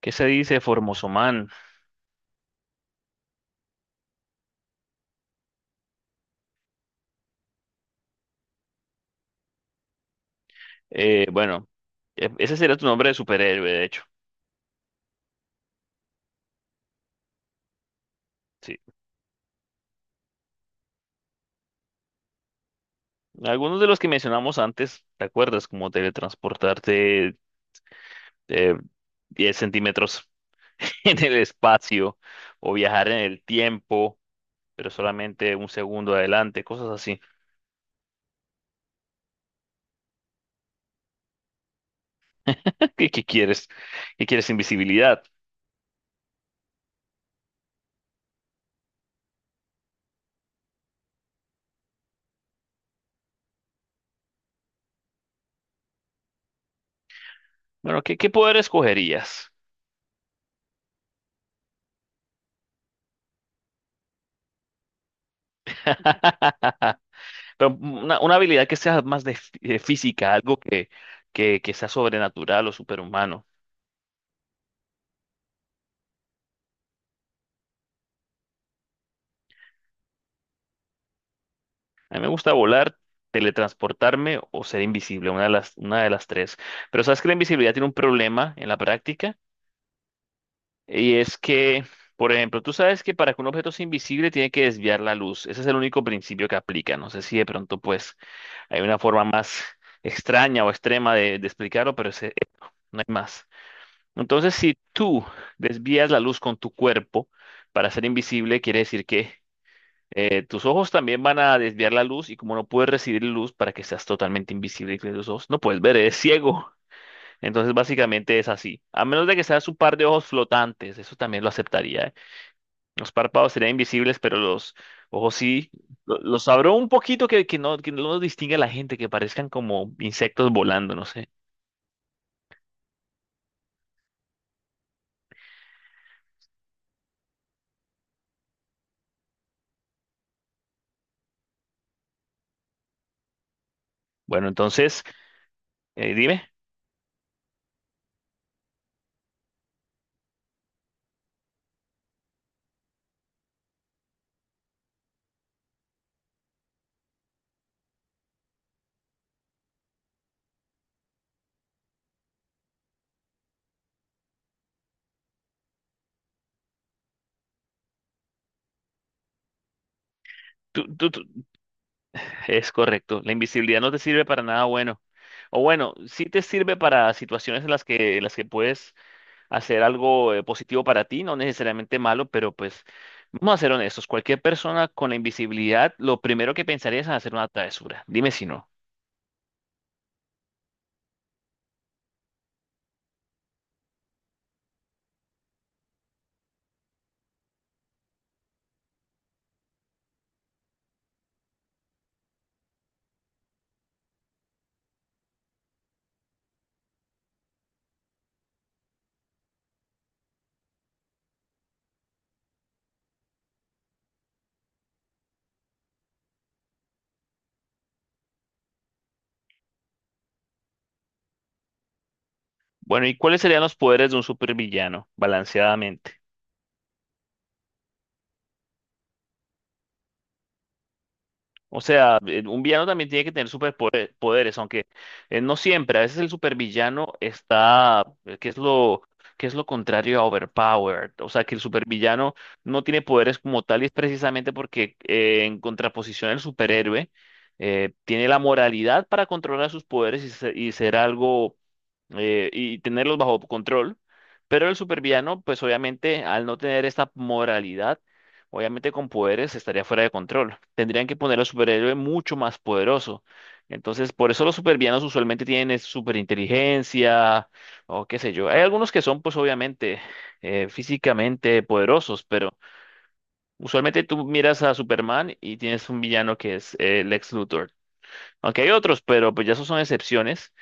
¿Qué se dice, Formosoman? Eh, bueno, Ese sería tu nombre de superhéroe, de hecho. Sí. Algunos de los que mencionamos antes, ¿te acuerdas? Como teletransportarte eh, 10 centímetros en el espacio o viajar en el tiempo, pero solamente un segundo adelante, cosas así. ¿Qué quieres? ¿Qué quieres invisibilidad? Bueno, ¿qué poder escogerías? Pero una habilidad que sea más de de física, algo que sea sobrenatural o superhumano. A mí me gusta volar, teletransportarme o ser invisible, una de las tres. Pero sabes que la invisibilidad tiene un problema en la práctica y es que, por ejemplo, tú sabes que para que un objeto sea invisible tiene que desviar la luz. Ese es el único principio que aplica. No sé si de pronto pues hay una forma más extraña o extrema de explicarlo, pero ese, no hay más. Entonces, si tú desvías la luz con tu cuerpo para ser invisible, quiere decir que tus ojos también van a desviar la luz y como no puedes recibir luz para que seas totalmente invisible y que tus ojos no puedes ver, eres ciego. Entonces básicamente es así. A menos de que seas un par de ojos flotantes, eso también lo aceptaría, ¿eh? Los párpados serían invisibles, pero los ojos sí, los abro un poquito que no los distingue a la gente, que parezcan como insectos volando, no sé. Bueno, entonces, dime, tú, tú, tú- es correcto, la invisibilidad no te sirve para nada bueno. O bueno, sí te sirve para situaciones en las que puedes hacer algo positivo para ti, no necesariamente malo, pero pues vamos a ser honestos, cualquier persona con la invisibilidad, lo primero que pensaría es en hacer una travesura. Dime si no. Bueno, ¿y cuáles serían los poderes de un supervillano, balanceadamente? O sea, un villano también tiene que tener superpoderes, aunque no siempre. A veces el supervillano está, qué es lo contrario a overpowered? O sea, que el supervillano no tiene poderes como tal y es precisamente porque en contraposición el superhéroe tiene la moralidad para controlar sus poderes y, y ser algo y tenerlos bajo control. Pero el supervillano, pues obviamente, al no tener esta moralidad, obviamente con poderes estaría fuera de control. Tendrían que poner al superhéroe mucho más poderoso. Entonces, por eso los supervillanos usualmente tienen superinteligencia o qué sé yo. Hay algunos que son, pues obviamente, físicamente poderosos, pero usualmente tú miras a Superman y tienes un villano que es Lex Luthor. Aunque hay otros, pero pues ya esos son excepciones.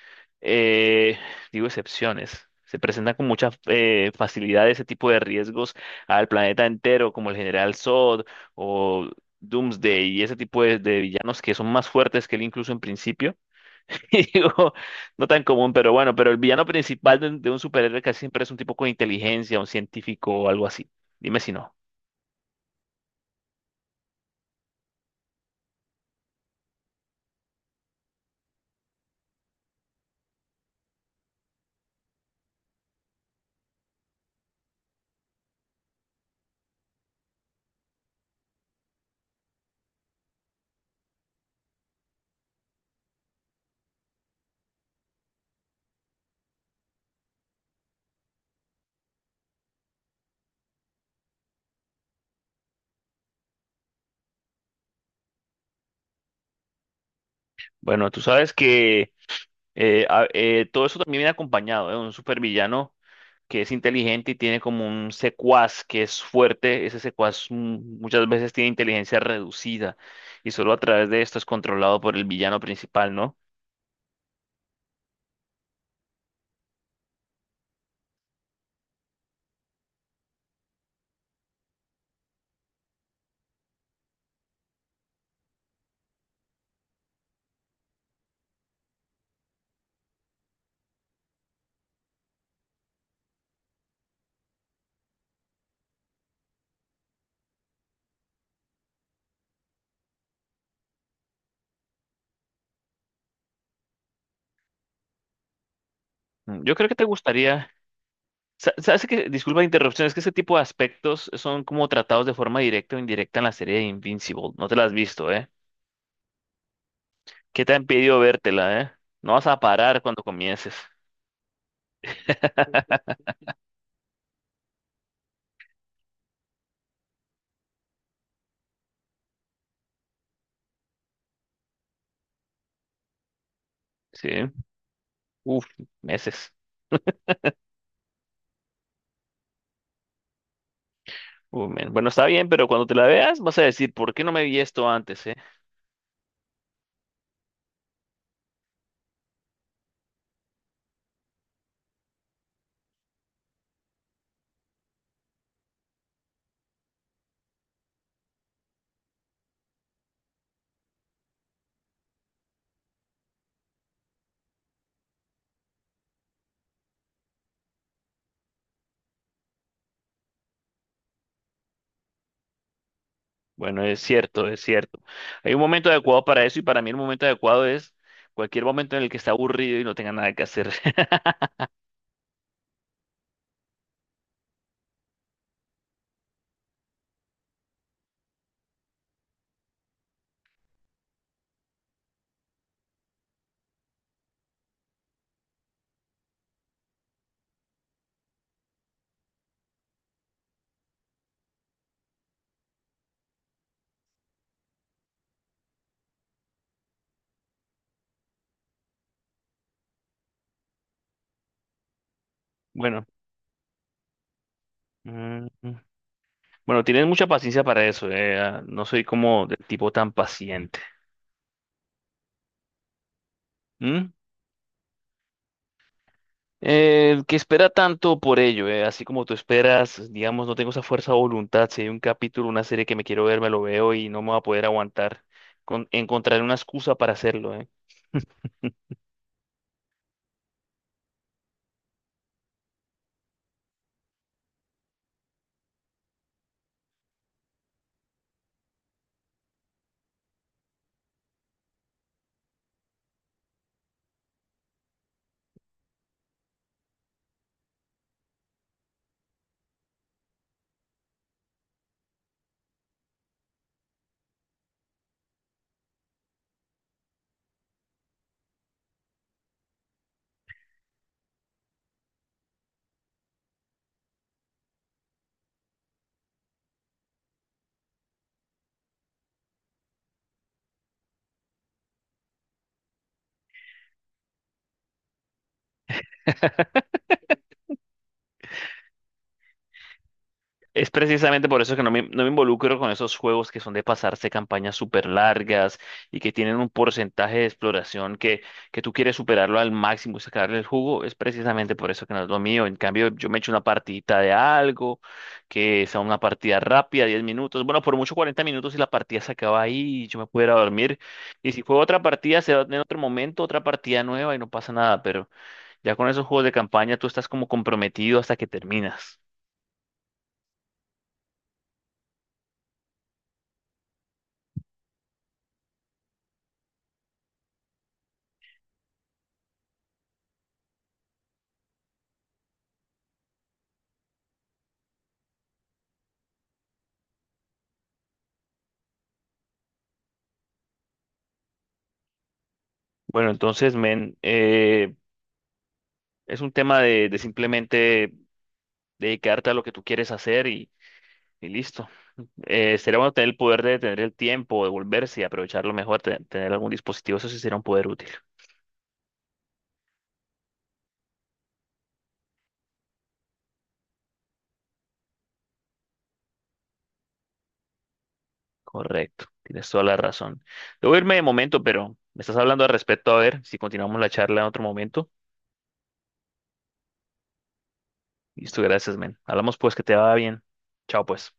Eh, digo excepciones. Se presentan con mucha facilidad ese tipo de riesgos al planeta entero, como el General Zod o Doomsday y ese tipo de villanos que son más fuertes que él incluso en principio. Y digo, no tan común, pero bueno, pero el villano principal de un superhéroe casi siempre es un tipo con inteligencia, un científico o algo así. Dime si no. Bueno, tú sabes que todo eso también viene acompañado de un supervillano que es inteligente y tiene como un secuaz que es fuerte, ese secuaz muchas veces tiene inteligencia reducida y solo a través de esto es controlado por el villano principal, ¿no? Mm, yo creo que te gustaría, sabes que, disculpa la interrupción, es que ese tipo de aspectos son como tratados de forma directa o indirecta en la serie de Invincible, no te la has visto, ¿eh? ¿Qué te ha impedido vértela, eh? No vas a parar cuando comiences, ¿sí? Uf, meses. Uf, men. Bueno, está bien, pero cuando te la veas vas a decir, ¿por qué no me vi esto antes, eh? Bueno, es cierto, es cierto. Hay un momento adecuado para eso y para mí el momento adecuado es cualquier momento en el que está aburrido y no tenga nada que hacer. Bueno, mm, mm, bueno, tienes mucha paciencia para eso. No soy como del tipo tan paciente. ¿Mm? El que espera tanto por ello, así como tú esperas, digamos, no tengo esa fuerza de voluntad. Si hay un capítulo, una serie que me quiero ver, me lo veo y no me va a poder aguantar. Con, encontraré una excusa para hacerlo, ¿eh? Es precisamente por eso que no me involucro con esos juegos que son de pasarse campañas súper largas y que tienen un porcentaje de exploración que tú quieres superarlo al máximo y sacarle el jugo. Es precisamente por eso que no es lo mío. En cambio, yo me echo una partidita de algo, que sea una partida rápida, 10 minutos. Bueno, por mucho 40 minutos y la partida se acaba ahí y yo me puedo ir a dormir. Y si juego otra partida, se va en otro momento, otra partida nueva y no pasa nada. Pero ya con esos juegos de campaña tú estás como comprometido hasta que terminas. Bueno, entonces, men, es un tema de simplemente dedicarte a lo que tú quieres hacer y listo. Sería bueno tener el poder de tener el tiempo, de volverse y aprovecharlo mejor, tener algún dispositivo, eso sí sería un poder útil. Correcto, tienes toda la razón. Debo irme de momento, pero me estás hablando al respecto, a ver si continuamos la charla en otro momento. Listo, gracias, men. Hablamos pues, que te va bien. Chao, pues.